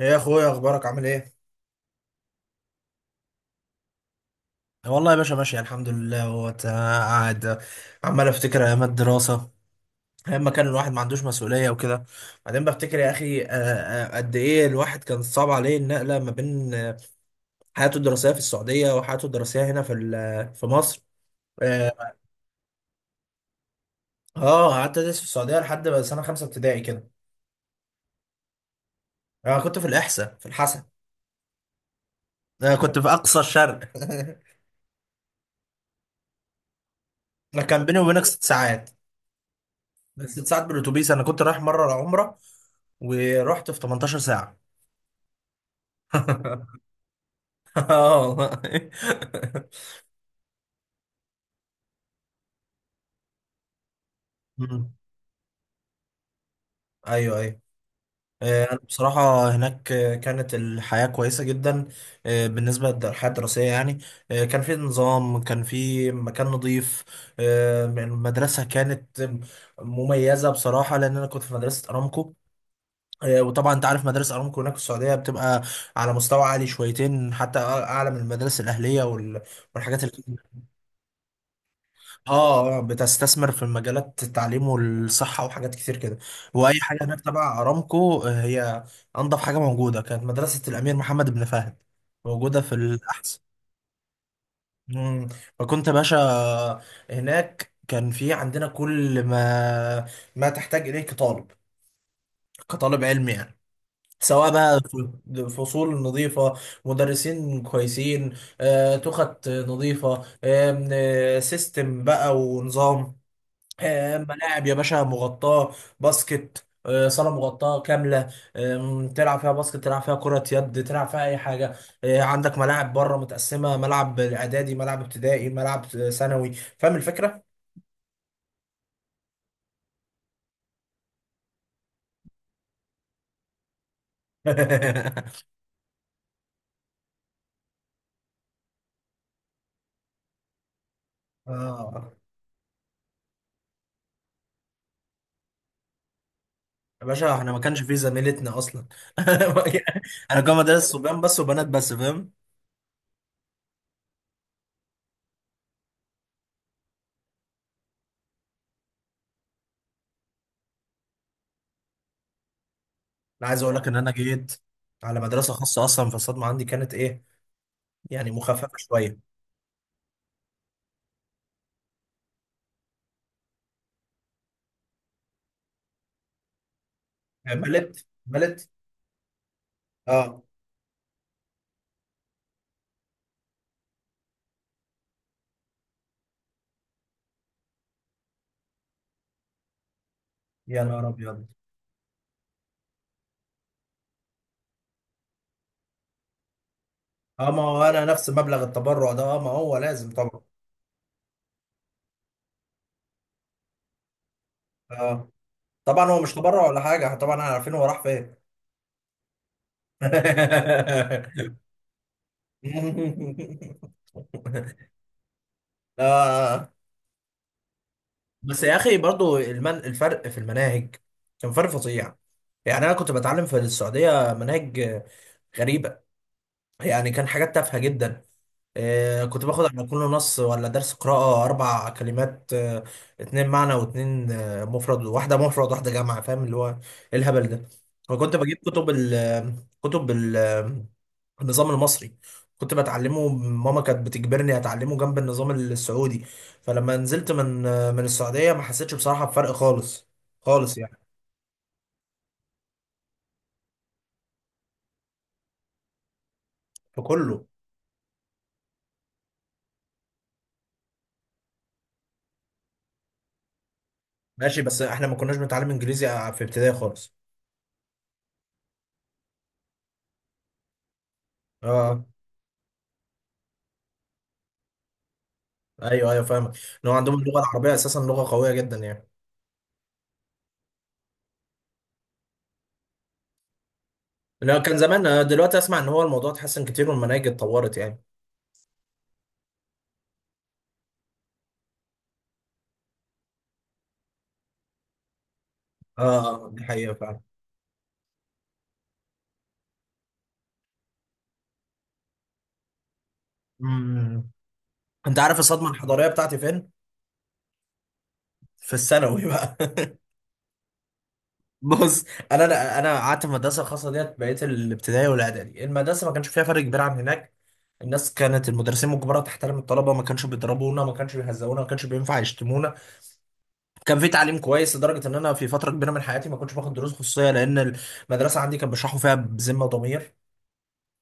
ايه يا اخويا، اخبارك؟ عامل ايه؟ والله يا باشا ماشي الحمد لله. هو قاعد عمال افتكر ايام الدراسه، ايام ما كان الواحد ما عندوش مسؤوليه وكده. بعدين بفتكر يا اخي قد ايه الواحد كان صعب عليه النقله ما بين حياته الدراسيه في السعوديه وحياته الدراسيه هنا في في مصر. اه. قعدت ادرس في السعوديه لحد بقى سنه خمسه ابتدائي كده. انا كنت في الاحساء، في الحسن. انا كنت في اقصى الشرق. انا كان بيني وبينك ست ساعات، ست ساعات بالاتوبيس. انا كنت رايح مره عمره، ورحت في 18 ساعه. اه والله. مم. ايوه ايوه. انا بصراحه هناك كانت الحياه كويسه جدا. بالنسبه للحياه الدراسيه يعني، كان في نظام، كان في مكان نظيف. المدرسه كانت مميزه بصراحه، لان انا كنت في مدرسه ارامكو. وطبعا انت عارف مدارس ارامكو هناك في السعوديه بتبقى على مستوى عالي شويتين، حتى اعلى من المدارس الاهليه والحاجات اللي. اه، بتستثمر في مجالات التعليم والصحه وحاجات كتير كده. واي حاجه هناك تبع ارامكو هي انضف حاجه موجوده. كانت مدرسه الامير محمد بن فهد موجوده في الاحسن. مم. فكنت يا باشا هناك كان في عندنا كل ما تحتاج اليه كطالب، كطالب علمي يعني. سواء بقى فصول نظيفة، مدرسين كويسين، تخت نظيفة، آم، آه، سيستم بقى ونظام، ملاعب يا باشا مغطاة، باسكت، صالة مغطاة كاملة، تلعب فيها باسكت، تلعب فيها كرة يد، تلعب فيها أي حاجة. عندك ملاعب بره متقسمة، ملعب إعدادي، ملعب ابتدائي، ملعب ثانوي. فاهم الفكرة؟ آه يا باشا، احنا ما كانش في زميلتنا اصلا. انا كان مدرسه صبيان بس وبنات بس، فاهم. انا عايز اقول لك ان انا جيت على مدرسه خاصه اصلا، فالصدمه عندي كانت ايه يعني، مخففه شويه. بلت. اه. يا نهار ابيض. اه، ما هو انا نفس مبلغ التبرع ده، اه ما هو لازم طبعا. اه. طبعا هو مش تبرع ولا حاجه، احنا طبعا احنا عارفين هو راح فين. اه. بس يا اخي برضو الفرق في المناهج كان فرق فظيع. يعني انا كنت بتعلم في السعوديه مناهج غريبه، يعني كان حاجات تافهه جدا. كنت باخد على كل نص ولا درس قراءة أربع كلمات، اتنين معنى واتنين مفرد، واحدة مفرد واحدة جمع، فاهم اللي هو إيه الهبل ده. وكنت بجيب كتب ال كتب ال آه، النظام المصري، كنت بتعلمه. ماما كانت بتجبرني أتعلمه جنب النظام السعودي، فلما نزلت من من السعودية ما حسيتش بصراحة بفرق خالص، خالص يعني. في كله. ماشي، بس احنا ما كناش بنتعلم انجليزي في ابتدائي خالص. اه. ايوه ايوه، فاهمك. ان هو عندهم اللغه العربيه اساسا لغه قويه جدا يعني. لو كان زمان دلوقتي اسمع ان هو الموضوع اتحسن كتير والمناهج اتطورت يعني. اه، دي حقيقه فعلا. أمم. انت عارف الصدمه الحضاريه بتاعتي فين؟ في الثانوي بقى. بص، انا قعدت في المدرسه الخاصه ديت بقيت الابتدائي والاعدادي. المدرسه ما كانش فيها فرق كبير عن هناك. الناس كانت، المدرسين مجبره تحترم الطلبه، ما كانش بيضربونا، ما كانش بيهزقونا، ما كانش بينفع يشتمونا. كان في تعليم كويس لدرجه ان انا في فتره كبيره من حياتي ما كنتش باخد دروس خصوصيه، لان المدرسه عندي كان بيشرحوا فيها بذمه وضمير.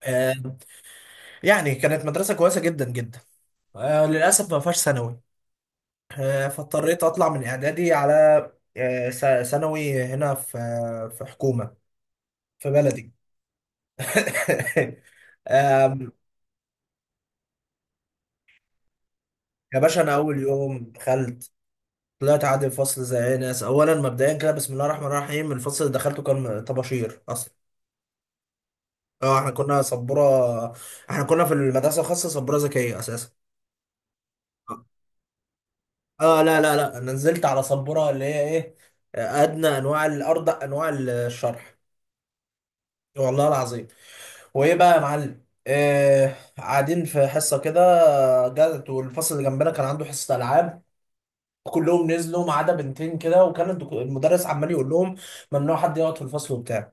آه، يعني كانت مدرسه كويسه جدا جدا. للاسف ما فيهاش ثانوي، فاضطريت اطلع من اعدادي على ثانوي هنا في في حكومه، في بلدي. آم، يا باشا انا اول يوم دخلت، طلعت عادي الفصل زي اي ناس. اولا مبدئيا كده، بسم الله الرحمن الرحيم، الفصل اللي دخلته كان طباشير اصلا. اه، احنا كنا سبوره، احنا كنا في المدرسه الخاصه سبوره ذكيه اساسا. اه لا لا لا، انا نزلت على سبوره اللي هي ايه، ادنى انواع الارض، انواع الشرح. والله العظيم. وايه بقى يا معلم، قاعدين في حصه كده، جت والفصل اللي جنبنا كان عنده حصه العاب، كلهم نزلوا ما عدا بنتين كده، وكان المدرس عمال يقول لهم ممنوع حد يقعد في الفصل وبتاع.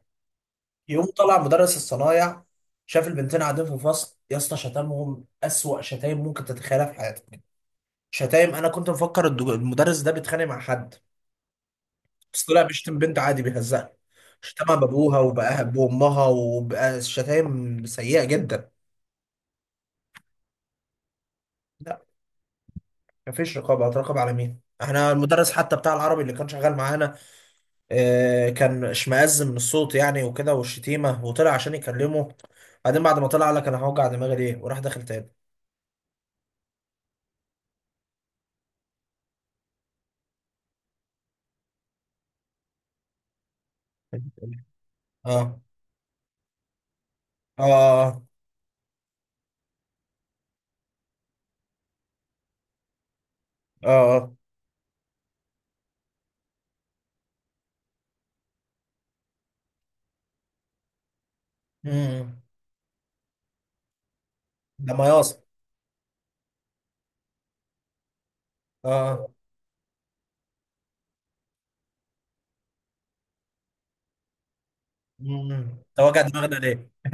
يقوم طلع مدرس الصنايع، شاف البنتين قاعدين في فصل، يا اسطى شتمهم اسوأ شتايم ممكن تتخيلها في حياتك. شتايم انا كنت مفكر المدرس ده بيتخانق مع حد، بس طلع بيشتم بنت عادي، بيهزقها. شتمها بابوها بامها وبقى شتايم سيئة جدا. لا مفيش رقابة. هتراقب على مين؟ احنا المدرس حتى بتاع العربي اللي كان شغال معانا، اه كان اشمئز من الصوت يعني وكده والشتيمة، وطلع عشان يكلمه. بعدين بعد ما طلع قال لك انا هوجع دماغي ليه، وراح داخل تاني. اه اه اه. امم. ده مياصة. اه. امم، توجع دماغنا ليه.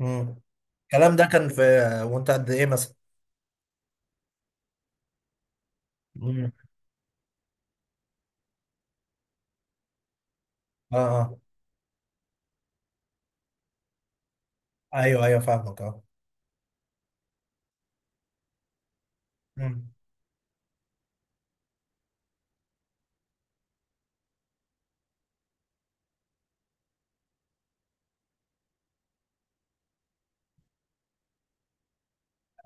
امم. الكلام ده كان في. وانت قد ايه مثلا؟ امم. اه اه، ايوه ايوه فاهمك، اه. امم.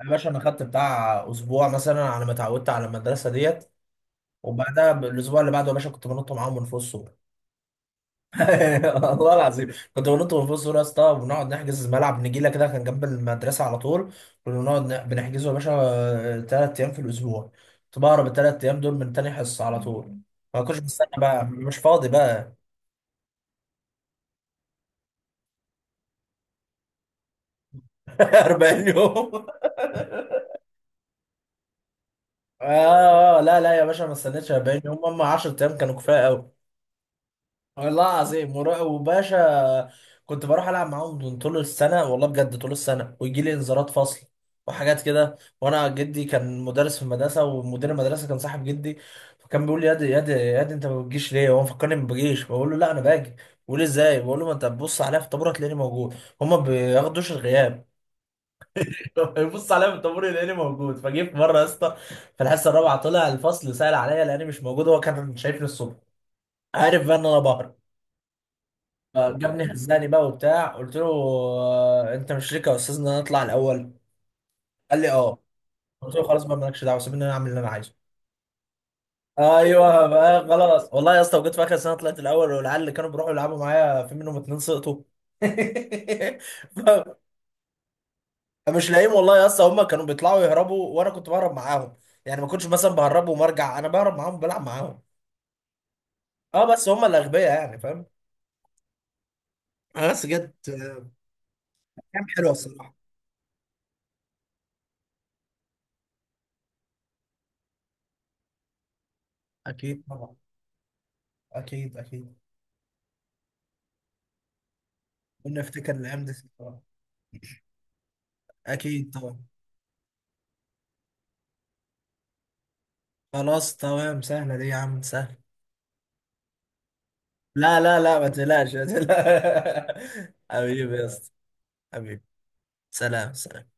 يا باشا انا خدت بتاع اسبوع مثلا على ما اتعودت على المدرسه ديت، وبعدها الاسبوع اللي بعده يا باشا كنت بنط معاهم من فوق السور. والله العظيم كنت بنط من فوق السور يا اسطى، وبنقعد نحجز ملعب نجيله كده كان جنب المدرسه على طول. كنا بنقعد بنحجزه يا باشا ثلاث ايام في الاسبوع. كنت بهرب الثلاث ايام دول من تاني حصه على طول، ما كنتش بستنى بقى، مش فاضي بقى. 40 يوم؟ آه لا لا يا باشا ما استنيتش 40 يوم، هم 10 ايام كانوا كفايه قوي. والله العظيم، وباشا كنت بروح العب معاهم من طول السنه، والله بجد طول السنه، ويجي لي انذارات فصل وحاجات كده. وانا جدي كان مدرس في المدرسه، ومدير المدرسه كان صاحب جدي، فكان بيقول لي يا دي يا دي يا دي انت ما بتجيش ليه. هو مفكرني ما بجيش، بقول له لا انا باجي. بيقول لي ازاي، بقول له ما انت بتبص عليا في الطابور هتلاقيني موجود. هما ما بياخدوش الغياب. يبص عليا في الطابور يلاقيني موجود. فجه في مره يا اسطى في الحصه الرابعه طلع الفصل، سال عليا، لاني مش موجود. هو كان شايفني الصبح، عارف بقى ان انا بهرب، فجابني هزاني بقى وبتاع. قلت له انت مش ليك يا استاذ ان انا اطلع الاول. قال لي اه. قلت له خلاص بقى مالكش دعوه، سيبني انا اعمل اللي انا عايزه. ايوه بقى، خلاص. والله يا اسطى، وجيت في اخر سنه طلعت الاول، والعيال اللي كانوا بيروحوا يلعبوا معايا في منهم اتنين سقطوا. ف- مش لاقيهم، والله يا اسطى هم كانوا بيطلعوا يهربوا وانا كنت بهرب معاهم، يعني ما كنتش مثلا بهرب ومرجع، انا بهرب معاهم، بلعب معاهم. اه، بس هم الاغبياء يعني، فاهم. آه، بس جت آه، ايام حلوه الصراحه. اكيد طبعا. اكيد اكيد. كنا نفتكر الايام دي. اكيد طبعا. خلاص تمام، سهله دي يا عم، سهله. لا لا لا، ما تقلقش ما تقلقش. حبيبي يا اسطى. حبيبي. سلام سلام.